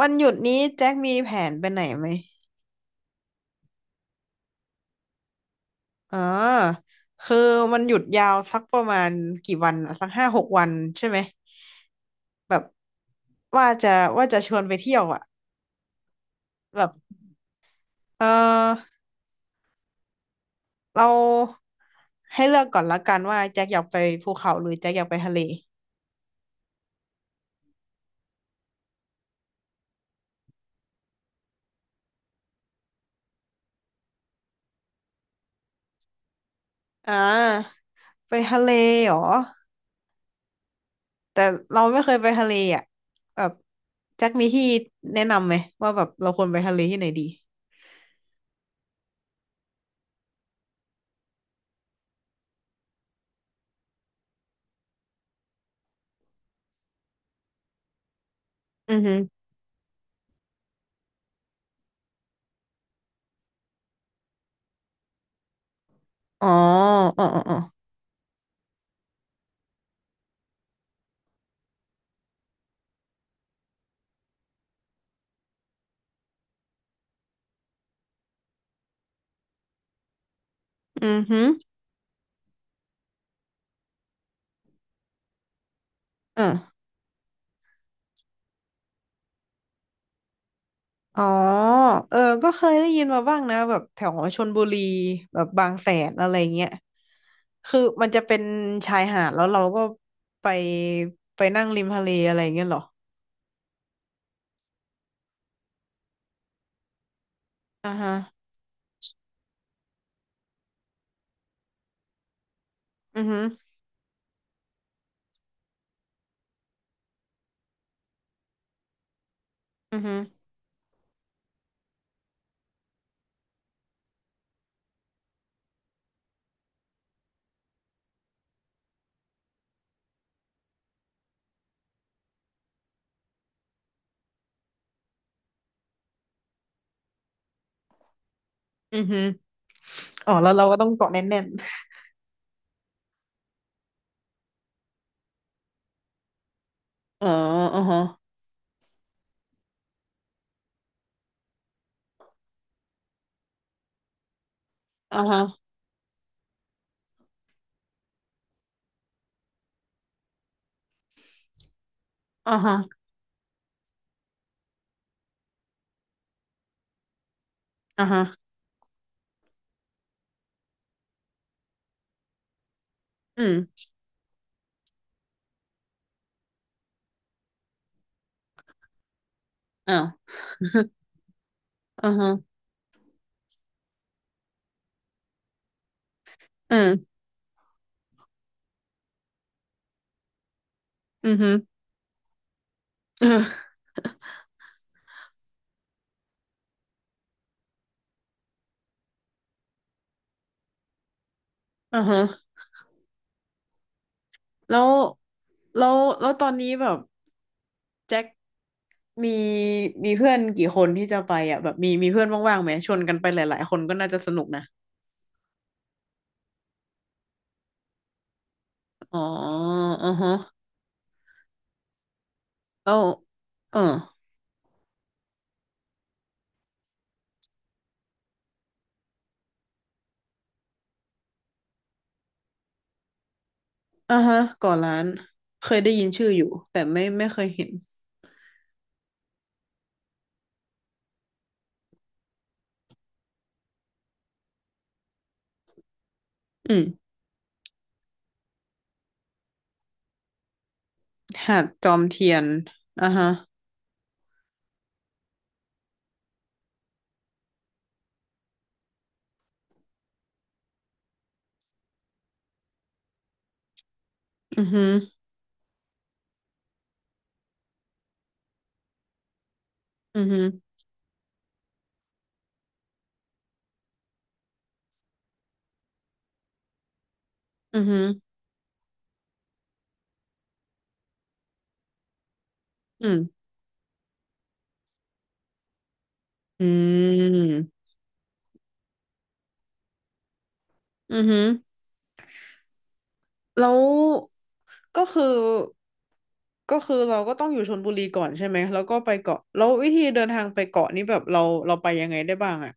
วันหยุดนี้แจ็คมีแผนไปไหนไหมอ๋อคือมันหยุดยาวสักประมาณกี่วันอะสักห้าหกวันใช่ไหมแบบว่าจะว่าจะชวนไปเที่ยวอ่ะแบบเออเราให้เลือกก่อนละกันว่าแจ็คอยากไปภูเขาหรือแจ็คอยากไปทะเลอ่าไปทะเลเหรอแต่เราไม่เคยไปทะเลอ่ะแบบแจ็คมีที่แนะนำไหมว่าแบบเราควรไปทะเลที่ไหนดีอือฮึอ๋ออ๋ออ๋ออ๋ออือฮึเออ อ๋อเออก็เคยได้ยินมาบ้างนะแบบแถวชลบุรีแบบบางแสนอะไรเงี้ยคือมันจะเป็นชายหาดแล้วเราก็ไปไปนั่งริมทะเลอะไรเงี้ยเหรออ่าฮะอือฮึอือฮึอือฮึอ๋อแล้วเราก็ต้องเกาะแน่นๆอ๋ออือฮะอ่าฮะอ่าฮะอ่าฮะอืมอ้าวอ่าฮะอืมอือฮึ อืออฮะแล้วแล้วแล้วตอนนี้แบบแจ็ค มีมีเพื่อนกี่คนที่จะไปอ่ะแบบมีเพื่อนว่างๆไหมชวนกันไปหลายๆคนก็น่าจะสนุกนะอ๋ออือฮะแล้วเอออ่าฮะก่อร้านเคยได้ยินชื่ออยู่แต่ไม่เคยเห็นอืมหาดจอมเทียนอ่าฮะอือฮึอือฮึอือฮึอืมอืมอือฮึแล้วก็คือก็คือเราก็ต้องอยู่ชลบุรีก่อนใช่ไหมแล้วก็ไปเกาะแล้ววิธีเดินทางไปเกาะนี้แบบเราไปยังไงได้บ้างอ่ะ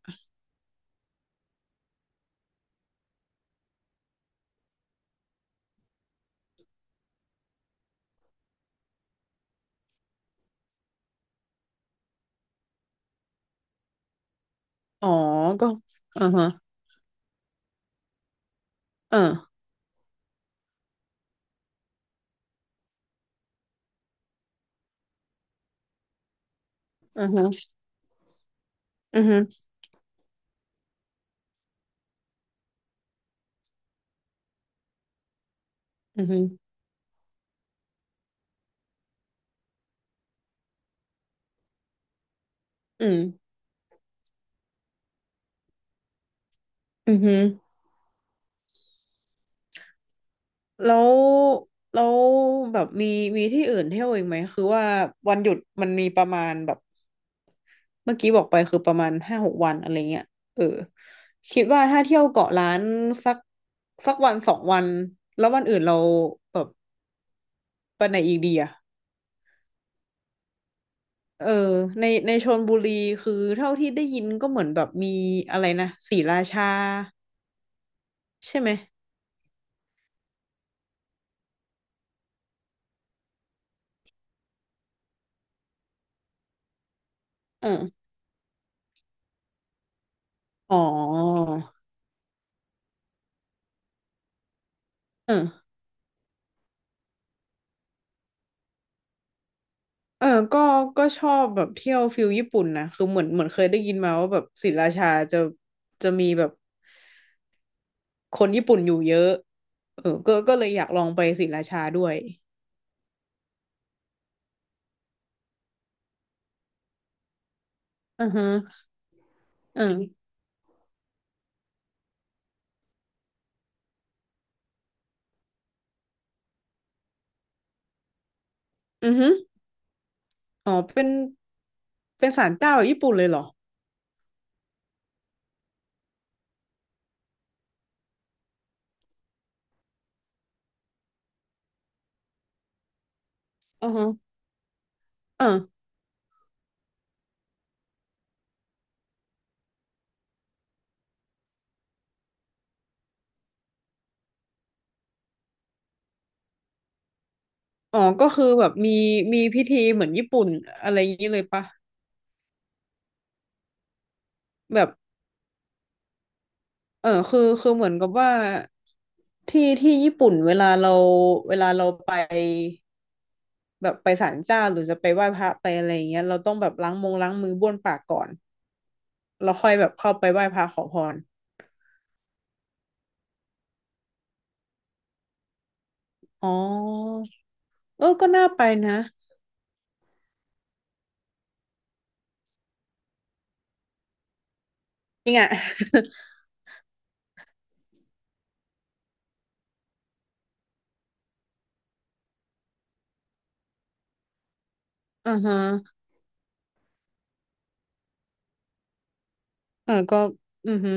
อ๋อก็อ่าฮะอ่าอ่าฮะอือฮึอือฮึอืมอือฮึแล้วแล้วแบบมีที่อื่นเที่ยวอีกไหมคือว่าวันหยุดมันมีประมาณแบบเมื่อกี้บอกไปคือประมาณห้าหกวันอะไรเงี้ยเออคิดว่าถ้าเที่ยวเกาะล้านสักสักวันสองวันแล้ววันอื่นเราแบบไปไหนอีกดีอะเออในชลบุรีคือเท่าที่ได้ยินก็เหมือนแบบมีอะไรนะศรีราชาใช่ไหมเออ อ๋อเออเออก็ก็ชอบแบบเที่ยวฟิลญี่ปุ่นนะคือเหมือนเคยได้ยินมาว่าแบบศรีราชาจะมีแบบคนญี่ปุ่นอยู่เยอะเออก็เลยอยากลองไปศรีราชาด้วยอือฮึเอออือฮึอ๋อเป็นเป็นศาลเจ้าแบบญี่ปุ่นเลยเหรออือฮึเอออ๋อ ก็คือแบบมีพิธีเหมือนญี่ปุ่นอะไรอย่างนี้เลยปะแบบคือ คือเหมือนกับว่าที่ที่ญี่ปุ่นเวลาเราไป แบบไปศาลเจ้าหรือจะไปไหว้พระไปอะไรอย่างเงี้ยเราต้องแบบล้างมงล้างมือบ้วนปากก่อนแล้วค่อยแบบเข้าไปไหว้พระขอพรอ๋อเออก็น่าไปนะจริงอ่ะ อ่าฮะเออก็อือฮึ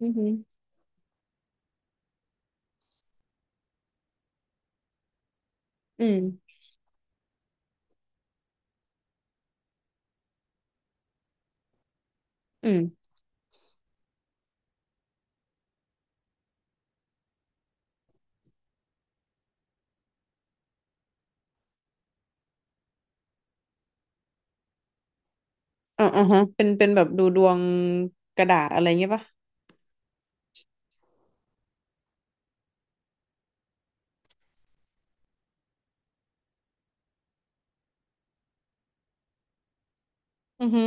อือฮึอืมอืมอ๋ออ่าฮะเป็นเป็นแบบดูดวงกระดาษอะไรเงี้ยปะอือฮึ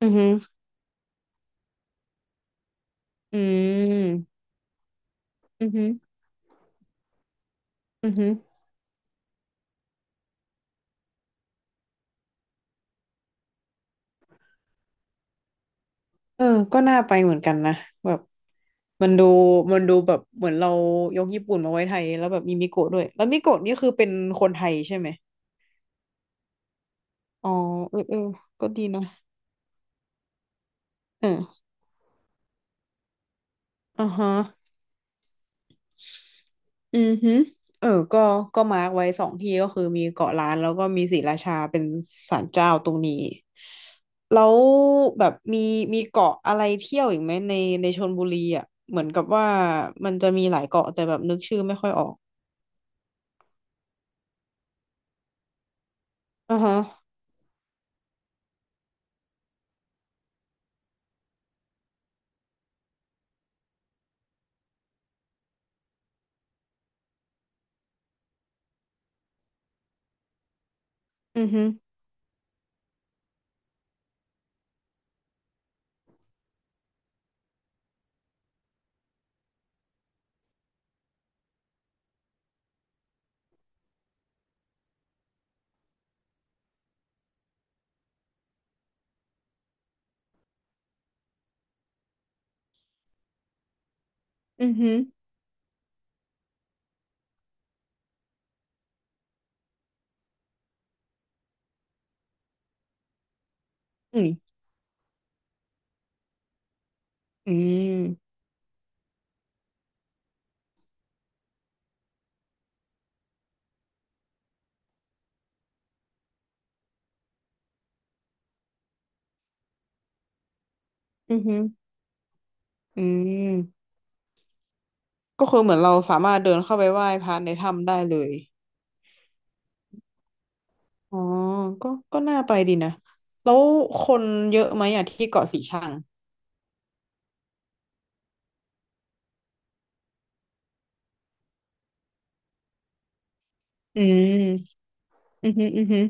อือฮึอืมอือฮึอือฮึเออก็น่าไปเหมือนกันนะแบบ มันดูมันดูแบบเหมือนเรายกญี่ปุ่นมาไว้ไทยแล้วแบบมีมิโกะด้วยแล้วมิโกะนี่คือเป็นคนไทยใช่ไหมอ๋อเออเออก็ดีนะเอออ่าฮะอือฮึเออก็มาร์กไว้สองที่ก็คือมีเกาะล้านแล้วก็มีศรีราชาเป็นศาลเจ้าตรงนี้แล้วแบบมีเกาะอะไรเที่ยวอีกไหมในชลบุรีอ่ะเหมือนกับว่ามันจะมีหลายเกาะแต่แบบนึกชื่อไม่ค่อยออกอ่าฮะอือฮึอือฮึอืมอืมอือฮึ อืมก็คือเหมือนเราสามารถเดินเข้าไปไหว้พระในถ้ำได้เลยอ๋อก็น่าไปดีนะ แล้วคนเยอะไหมอ่ะที่เกาะสีชังอืมอือฮึอือฮึ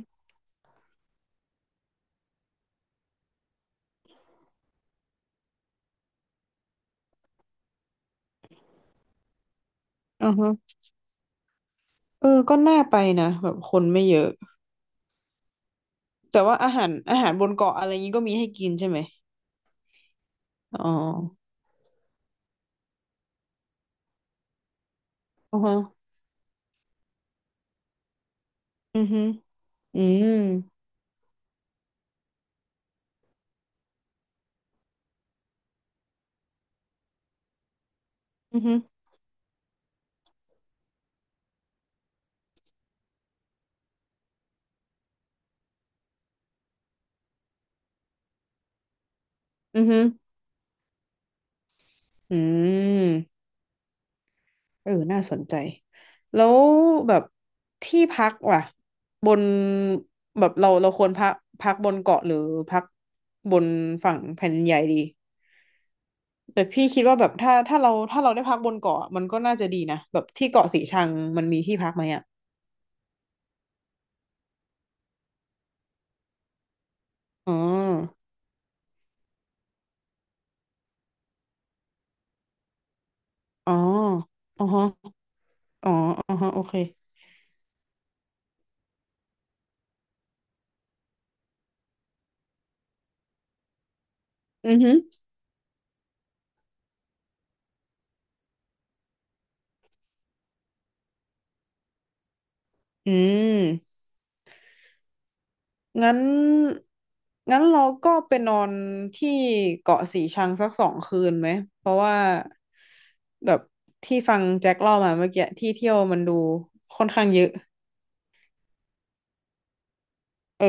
อือฮึเออก็น่าไปนะแบบคนไม่เยอะแต่ว่าอาหารบนเกาะอะไรงี้ก็มีให้กินใช่ไหมอ๋ออือฮะอือฮึอืมอือฮึอือฮึอืม เออน่าสนใจ แล้วแบบที่พักว่ะบนแบบเราควรพักพักบนเกาะหรือพักบนฝั่งแผ่นดินใหญ่ดีแต่พี่คิดว่าแบบถ้าเราได้พักบนเกาะมันก็น่าจะดีนะแบบที่เกาะสีชังมันมีที่พักไหมอ่ะอ๋ออ๋ออ๋อฮะอ๋ออ๋อฮะโอเคอือฮึอืม งั้นงั้นเราก็ไปนอนที่เกาะสีชังสักสองคืนไหมเพราะว่าแบบที่ฟังแจ็คเล่ามาเมื่อกี้ที่เที่ยวมันดูค่อนข้างเยอะเออ